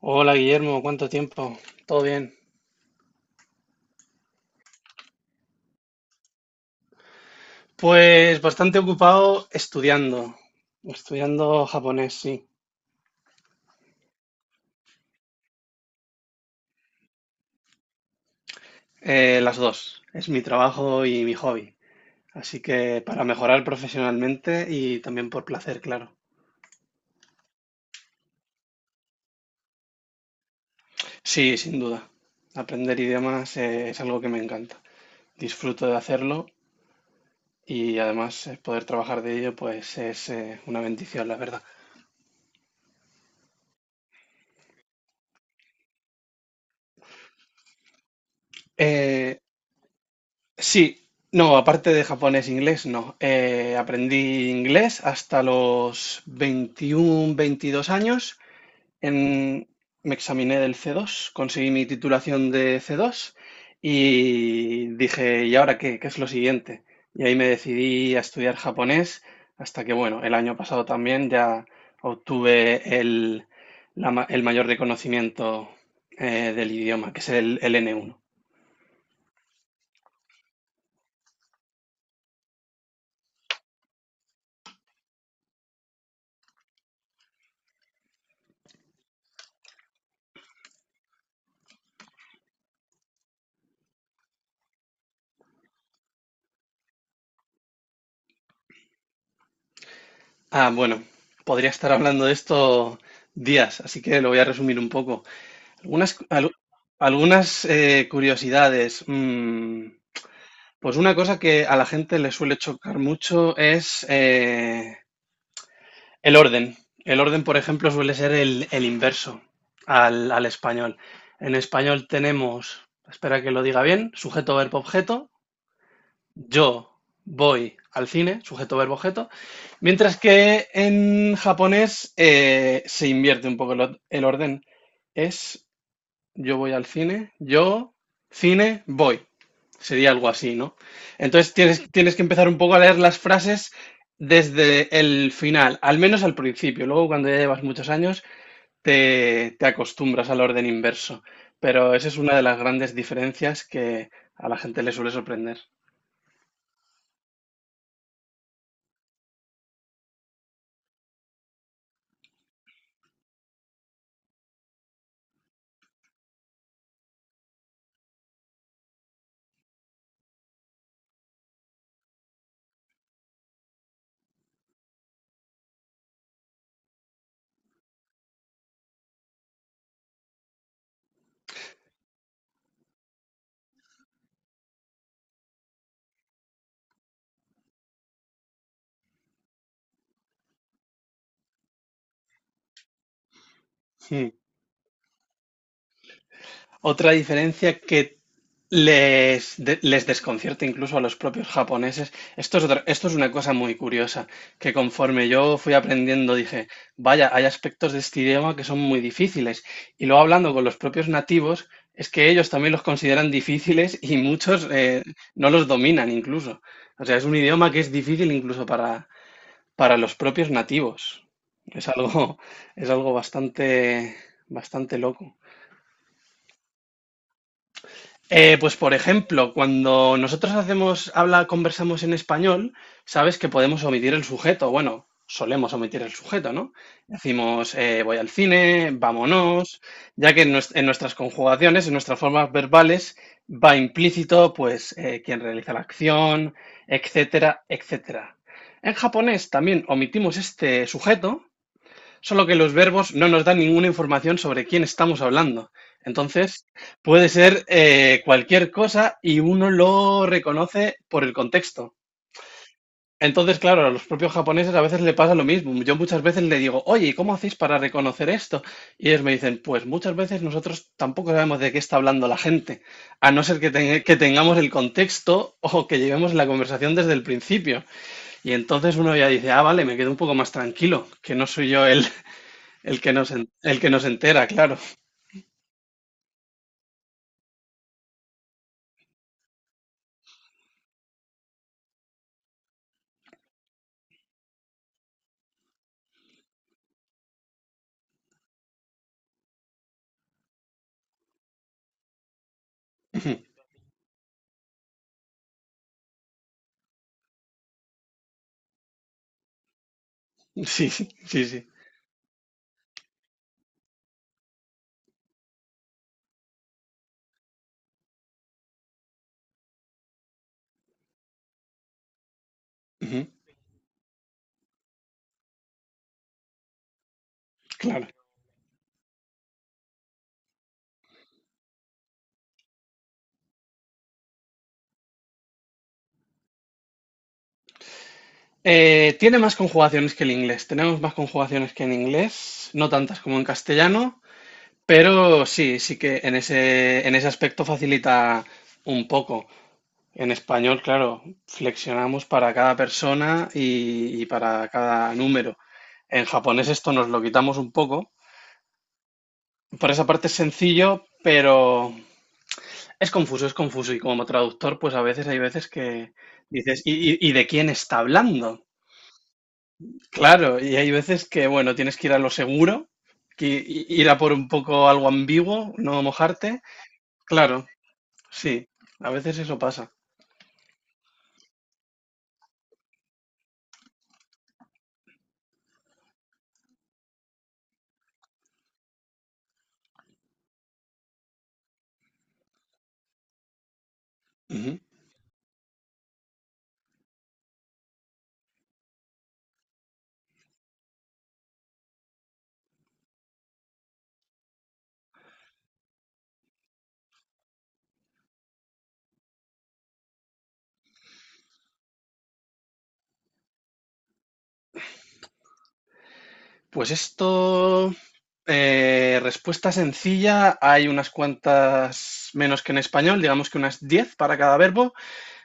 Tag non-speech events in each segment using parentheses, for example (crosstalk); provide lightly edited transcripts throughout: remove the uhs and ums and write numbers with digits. Hola Guillermo, ¿cuánto tiempo? ¿Todo bien? Pues bastante ocupado estudiando, estudiando japonés, sí. Las dos, es mi trabajo y mi hobby. Así que para mejorar profesionalmente y también por placer, claro. Sí, sin duda. Aprender idiomas es algo que me encanta. Disfruto de hacerlo y además poder trabajar de ello pues es una bendición, la verdad. Eh, Sí, no, aparte de japonés, e inglés, no. Aprendí inglés hasta los 21, 22 años. En- Me examiné del C2, conseguí mi titulación de C2 y dije, ¿y ahora qué? ¿Qué es lo siguiente? Y ahí me decidí a estudiar japonés hasta que, bueno, el año pasado también ya obtuve el mayor reconocimiento del idioma, que es el N1. Ah, bueno, podría estar hablando de esto días, así que lo voy a resumir un poco. Algunas, cu- alu- algunas curiosidades. Pues una cosa que a la gente le suele chocar mucho es el orden. El orden, por ejemplo, suele ser el inverso al español. En español tenemos, espera que lo diga bien, sujeto, verbo, objeto. Yo voy al cine, sujeto, verbo, objeto, mientras que en japonés se invierte un poco el orden. Es yo voy al cine, yo, cine, voy. Sería algo así, ¿no? Entonces tienes que empezar un poco a leer las frases desde el final, al menos al principio. Luego, cuando ya llevas muchos años, te acostumbras al orden inverso. Pero esa es una de las grandes diferencias que a la gente le suele sorprender. Otra diferencia que les desconcierta incluso a los propios japoneses. Esto es esto es una cosa muy curiosa, que conforme yo fui aprendiendo dije, vaya, hay aspectos de este idioma que son muy difíciles. Y luego hablando con los propios nativos, es que ellos también los consideran difíciles y muchos no los dominan incluso. O sea, es un idioma que es difícil incluso para los propios nativos. Es algo, (laughs) es algo bastante, bastante loco. Pues por ejemplo, cuando nosotros conversamos en español, sabes que podemos omitir el sujeto. Bueno, solemos omitir el sujeto, ¿no? Decimos, voy al cine, vámonos, ya que en nuestras conjugaciones, en nuestras formas verbales, va implícito, pues, quien realiza la acción, etcétera, etcétera. En japonés también omitimos este sujeto. Solo que los verbos no nos dan ninguna información sobre quién estamos hablando. Entonces, puede ser cualquier cosa y uno lo reconoce por el contexto. Entonces, claro, a los propios japoneses a veces le pasa lo mismo. Yo muchas veces le digo, oye, ¿y cómo hacéis para reconocer esto? Y ellos me dicen, pues muchas veces nosotros tampoco sabemos de qué está hablando la gente, a no ser que, que tengamos el contexto o que llevemos la conversación desde el principio. Y entonces uno ya dice, ah, vale, me quedo un poco más tranquilo, que no soy yo el que el que nos entera, claro. (laughs) Ujú. Sí, sí, sí, sí. Ujú. Claro. Tiene más conjugaciones que el inglés. Tenemos más conjugaciones que en inglés, no tantas como en castellano, pero sí, sí que en en ese aspecto facilita un poco. En español, claro, flexionamos para cada persona y para cada número. En japonés esto nos lo quitamos un poco. Por esa parte es sencillo, pero es confuso, es confuso. Y como traductor, pues a veces hay veces que dices, y de quién está hablando? Claro, y hay veces que, bueno, tienes que ir a lo seguro, que ir a por un poco algo ambiguo, no mojarte. Claro, sí, a veces eso pasa. Ujú. Pues esto, respuesta sencilla, hay unas cuantas menos que en español, digamos que unas 10 para cada verbo.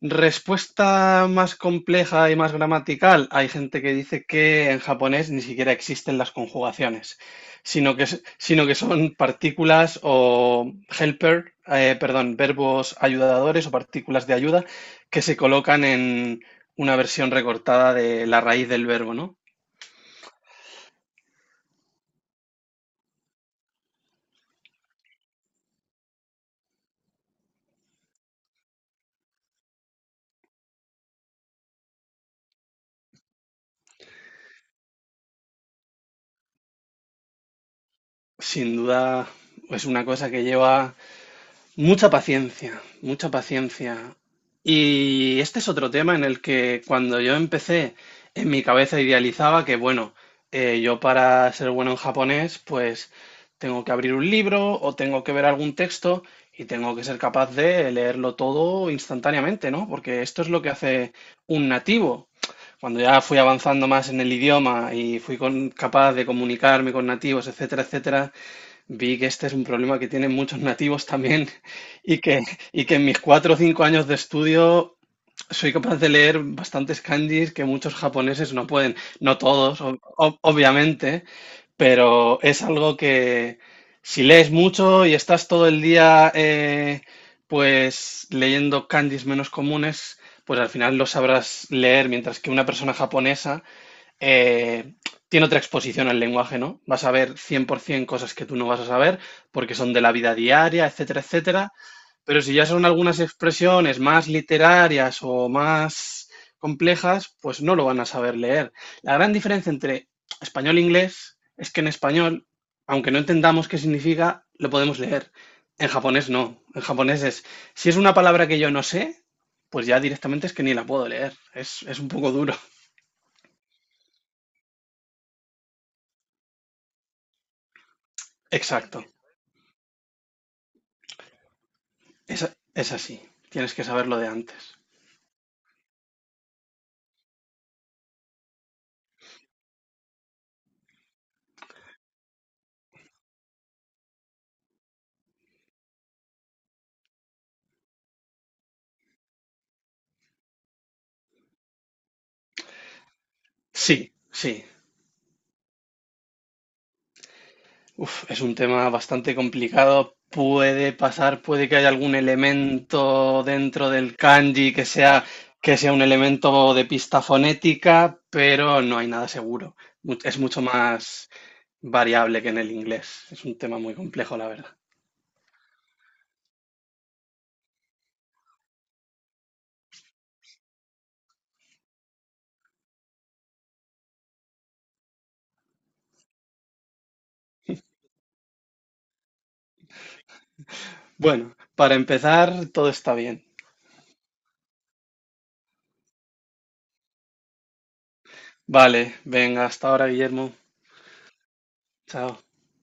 Respuesta más compleja y más gramatical. Hay gente que dice que en japonés ni siquiera existen las conjugaciones, sino que, sino que son partículas o helper, perdón, verbos ayudadores o partículas de ayuda que se colocan en una versión recortada de la raíz del verbo, ¿no? Sin duda es una cosa que lleva mucha paciencia, mucha paciencia. Y este es otro tema en el que cuando yo empecé, en mi cabeza idealizaba que, bueno, yo para ser bueno en japonés, pues tengo que abrir un libro o tengo que ver algún texto y tengo que ser capaz de leerlo todo instantáneamente, ¿no? Porque esto es lo que hace un nativo. Cuando ya fui avanzando más en el idioma y fui capaz de comunicarme con nativos, etcétera, etcétera, vi que este es un problema que tienen muchos nativos también (laughs) y que, y que en mis cuatro o cinco años de estudio soy capaz de leer bastantes kanjis que muchos japoneses no pueden. No todos, obviamente, pero es algo que si lees mucho y estás todo el día pues leyendo kanjis menos comunes, pues al final lo sabrás leer, mientras que una persona japonesa eh, tiene otra exposición al lenguaje, ¿no? Vas a ver 100% cosas que tú no vas a saber porque son de la vida diaria, etcétera, etcétera. Pero si ya son algunas expresiones más literarias o más complejas, pues no lo van a saber leer. La gran diferencia entre español e inglés es que en español, aunque no entendamos qué significa, lo podemos leer. En japonés no. En japonés es, si es una palabra que yo no sé, pues ya directamente es que ni la puedo leer. Es un poco duro. (laughs) Exacto. Es, es así, tienes que saberlo de antes. Sí, sí. Uf, es un tema bastante complicado. Puede pasar, puede que haya algún elemento dentro del kanji que sea un elemento de pista fonética, pero no hay nada seguro. Es mucho más variable que en el inglés. Es un tema muy complejo, la verdad. Bueno, para empezar, todo está bien. Vale, venga, hasta ahora, Guillermo. Chao.